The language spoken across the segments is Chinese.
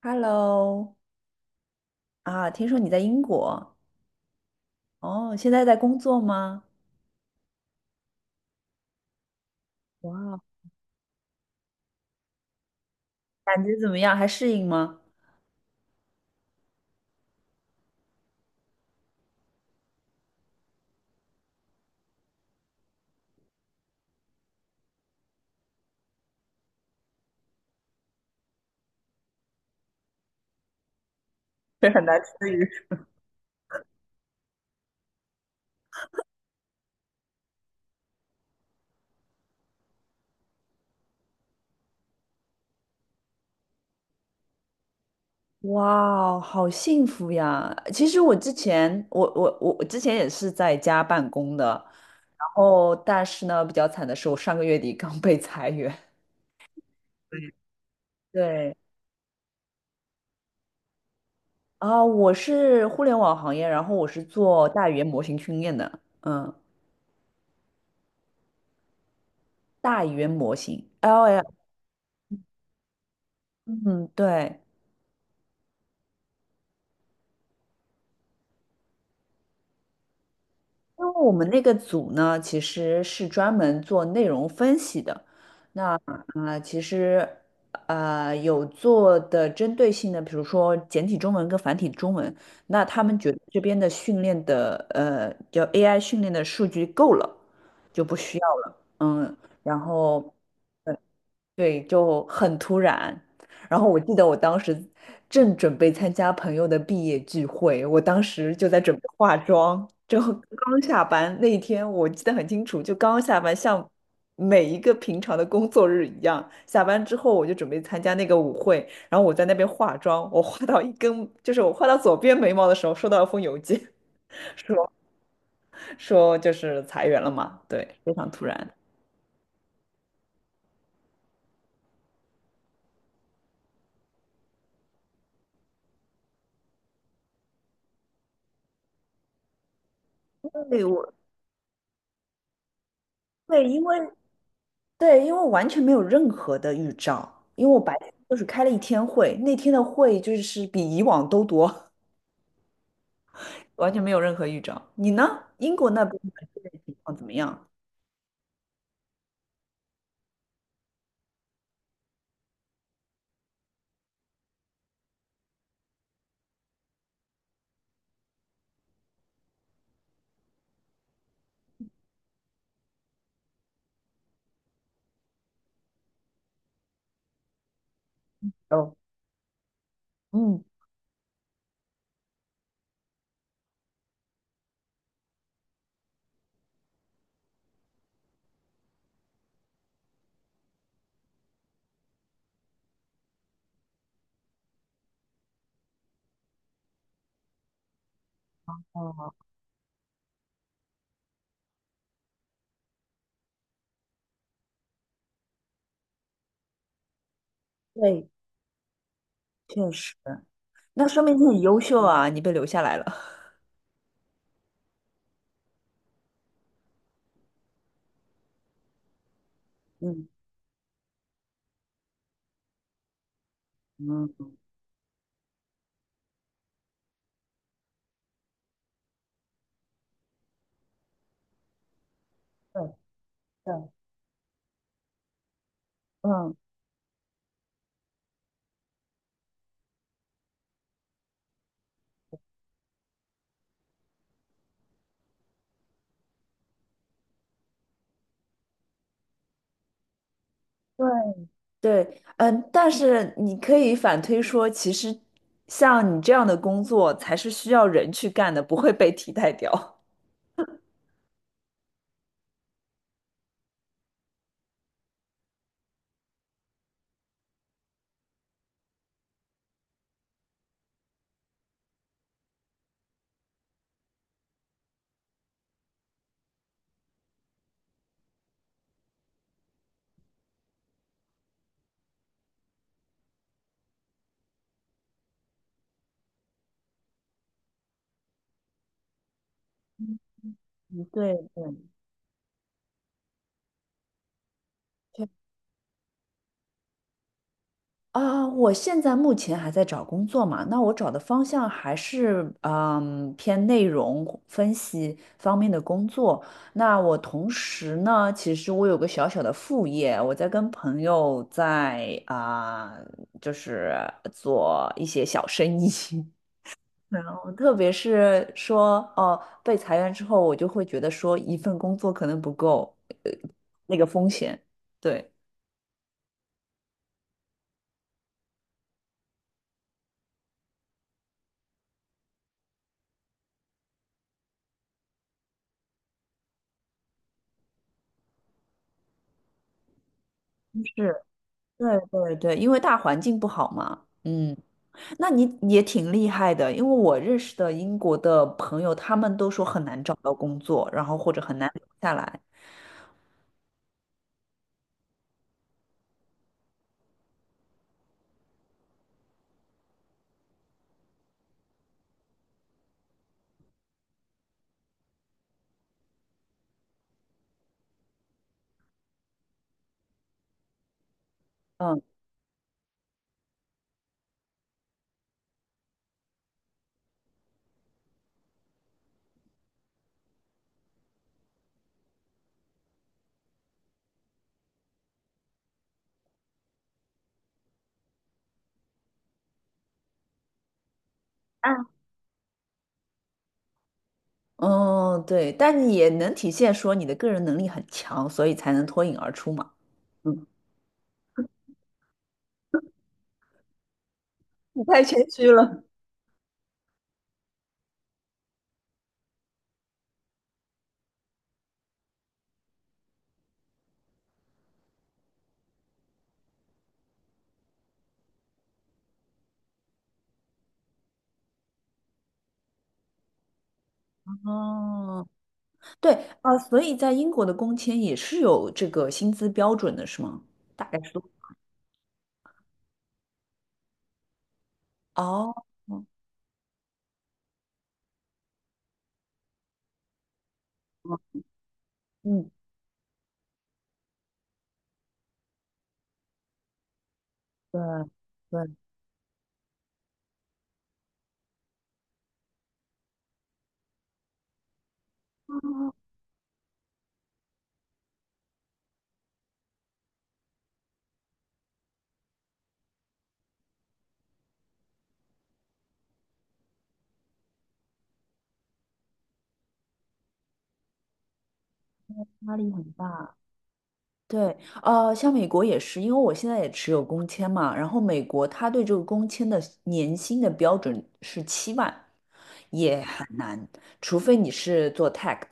Hello。啊，听说你在英国。哦，现在在工作吗？哇，感觉怎么样？还适应吗？这很难适应。哇哦，好幸福呀！其实我之前，我之前也是在家办公的，然后但是呢，比较惨的是我上个月底刚被裁员。对。对啊，我是互联网行业，然后我是做大语言模型训练的，嗯，大语言模型 LL,嗯，对。因为我们那个组呢，其实是专门做内容分析的。啊、其实有做的针对性的，比如说简体中文跟繁体中文，那他们觉得这边的训练的叫 AI 训练的数据够了，就不需要了。嗯，然后。对，就很突然。然后我记得我当时正准备参加朋友的毕业聚会，我当时就在准备化妆，就刚下班那一天，我记得很清楚，就刚下班，像每一个平常的工作日一样，下班之后我就准备参加那个舞会，然后我在那边化妆，我画到一根，就是我画到左边眉毛的时候，收到一封邮件，说说就是裁员了嘛，对，非常突然。对，我对，因为对，因为我完全没有任何的预兆，因为我白天就是开了一天会，那天的会就是比以往都多。完全没有任何预兆。你呢？英国那边的就业情况怎么样？哦。嗯，对。确实。那说明你很优秀啊，你被留下来了。嗯嗯，对对。嗯，对对。嗯，但是你可以反推说，其实像你这样的工作才是需要人去干的，不会被替代掉。嗯，对对。啊，我现在目前还在找工作嘛，那我找的方向还是偏内容分析方面的工作。那我同时呢，其实我有个小小的副业，我在跟朋友在啊、就是做一些小生意。然后特别是说哦，被裁员之后，我就会觉得说一份工作可能不够，呃，那个风险，对。是。对对对，因为大环境不好嘛。嗯，那你也挺厉害的，因为我认识的英国的朋友，他们都说很难找到工作，然后或者很难留下来。嗯。但嗯，对，但你也能体现说你的个人能力很强，所以才能脱颖而出嘛。嗯。你太谦虚了。哦，对啊，所以在英国的工签也是有这个薪资标准的，是吗？大概是多？哦。嗯，对对。压力很大。对，呃，像美国也是，因为我现在也持有工签嘛，然后美国它对这个工签的年薪的标准是7万，也很难，除非你是做 tech 的，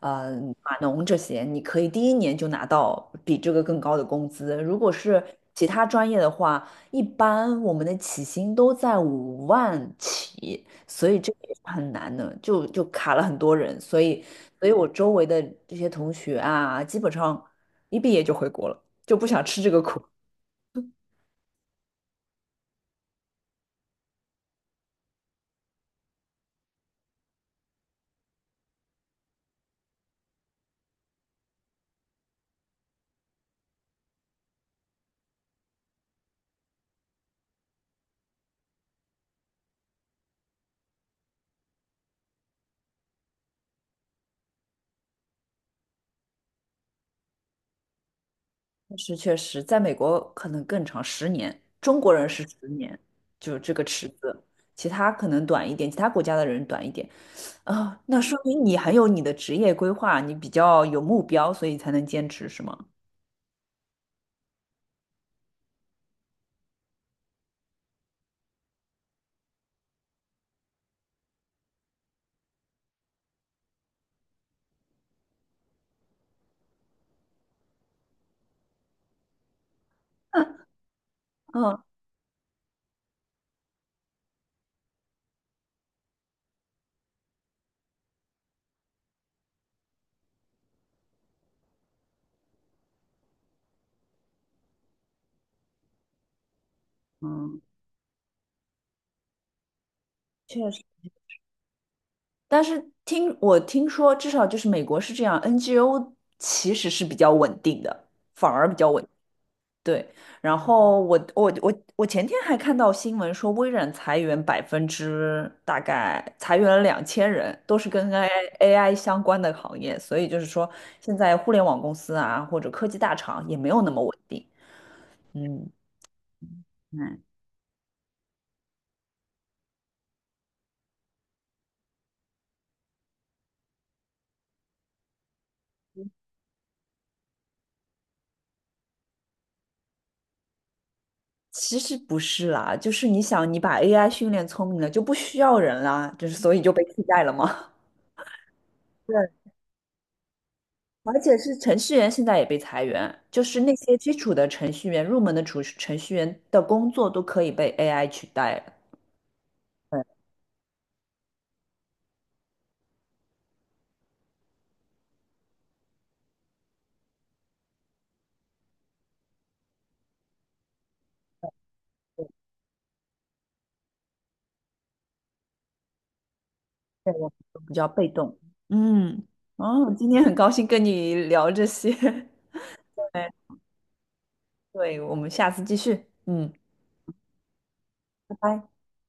呃，码农这些，你可以第一年就拿到比这个更高的工资。如果是其他专业的话，一般我们的起薪都在5万起，所以这个也是很难的，就卡了很多人。所以，所以我周围的这些同学啊，基本上一毕业就回国了，就不想吃这个苦。确实确实，在美国可能更长，十年，中国人是十年，就是这个池子，其他可能短一点，其他国家的人短一点啊，那说明你很有你的职业规划，你比较有目标，所以才能坚持，是吗？嗯嗯。确实，但是听说，至少就是美国是这样，NGO 其实是比较稳定的，反而比较稳，对，然后我前天还看到新闻说，微软裁员百分之大概裁员了2000人，都是跟 AI AI 相关的行业，所以就是说，现在互联网公司啊或者科技大厂也没有那么稳定。嗯嗯，其实不是啦，就是你想，你把 AI 训练聪明了，就不需要人啦，就是所以就被替代了吗？而且是程序员现在也被裁员，就是那些基础的程序员、入门的程序员的工作都可以被 AI 取代了。对，这个都比较被动。嗯，哦，今天很高兴跟你聊这些。对，对我们下次继续。嗯，拜拜。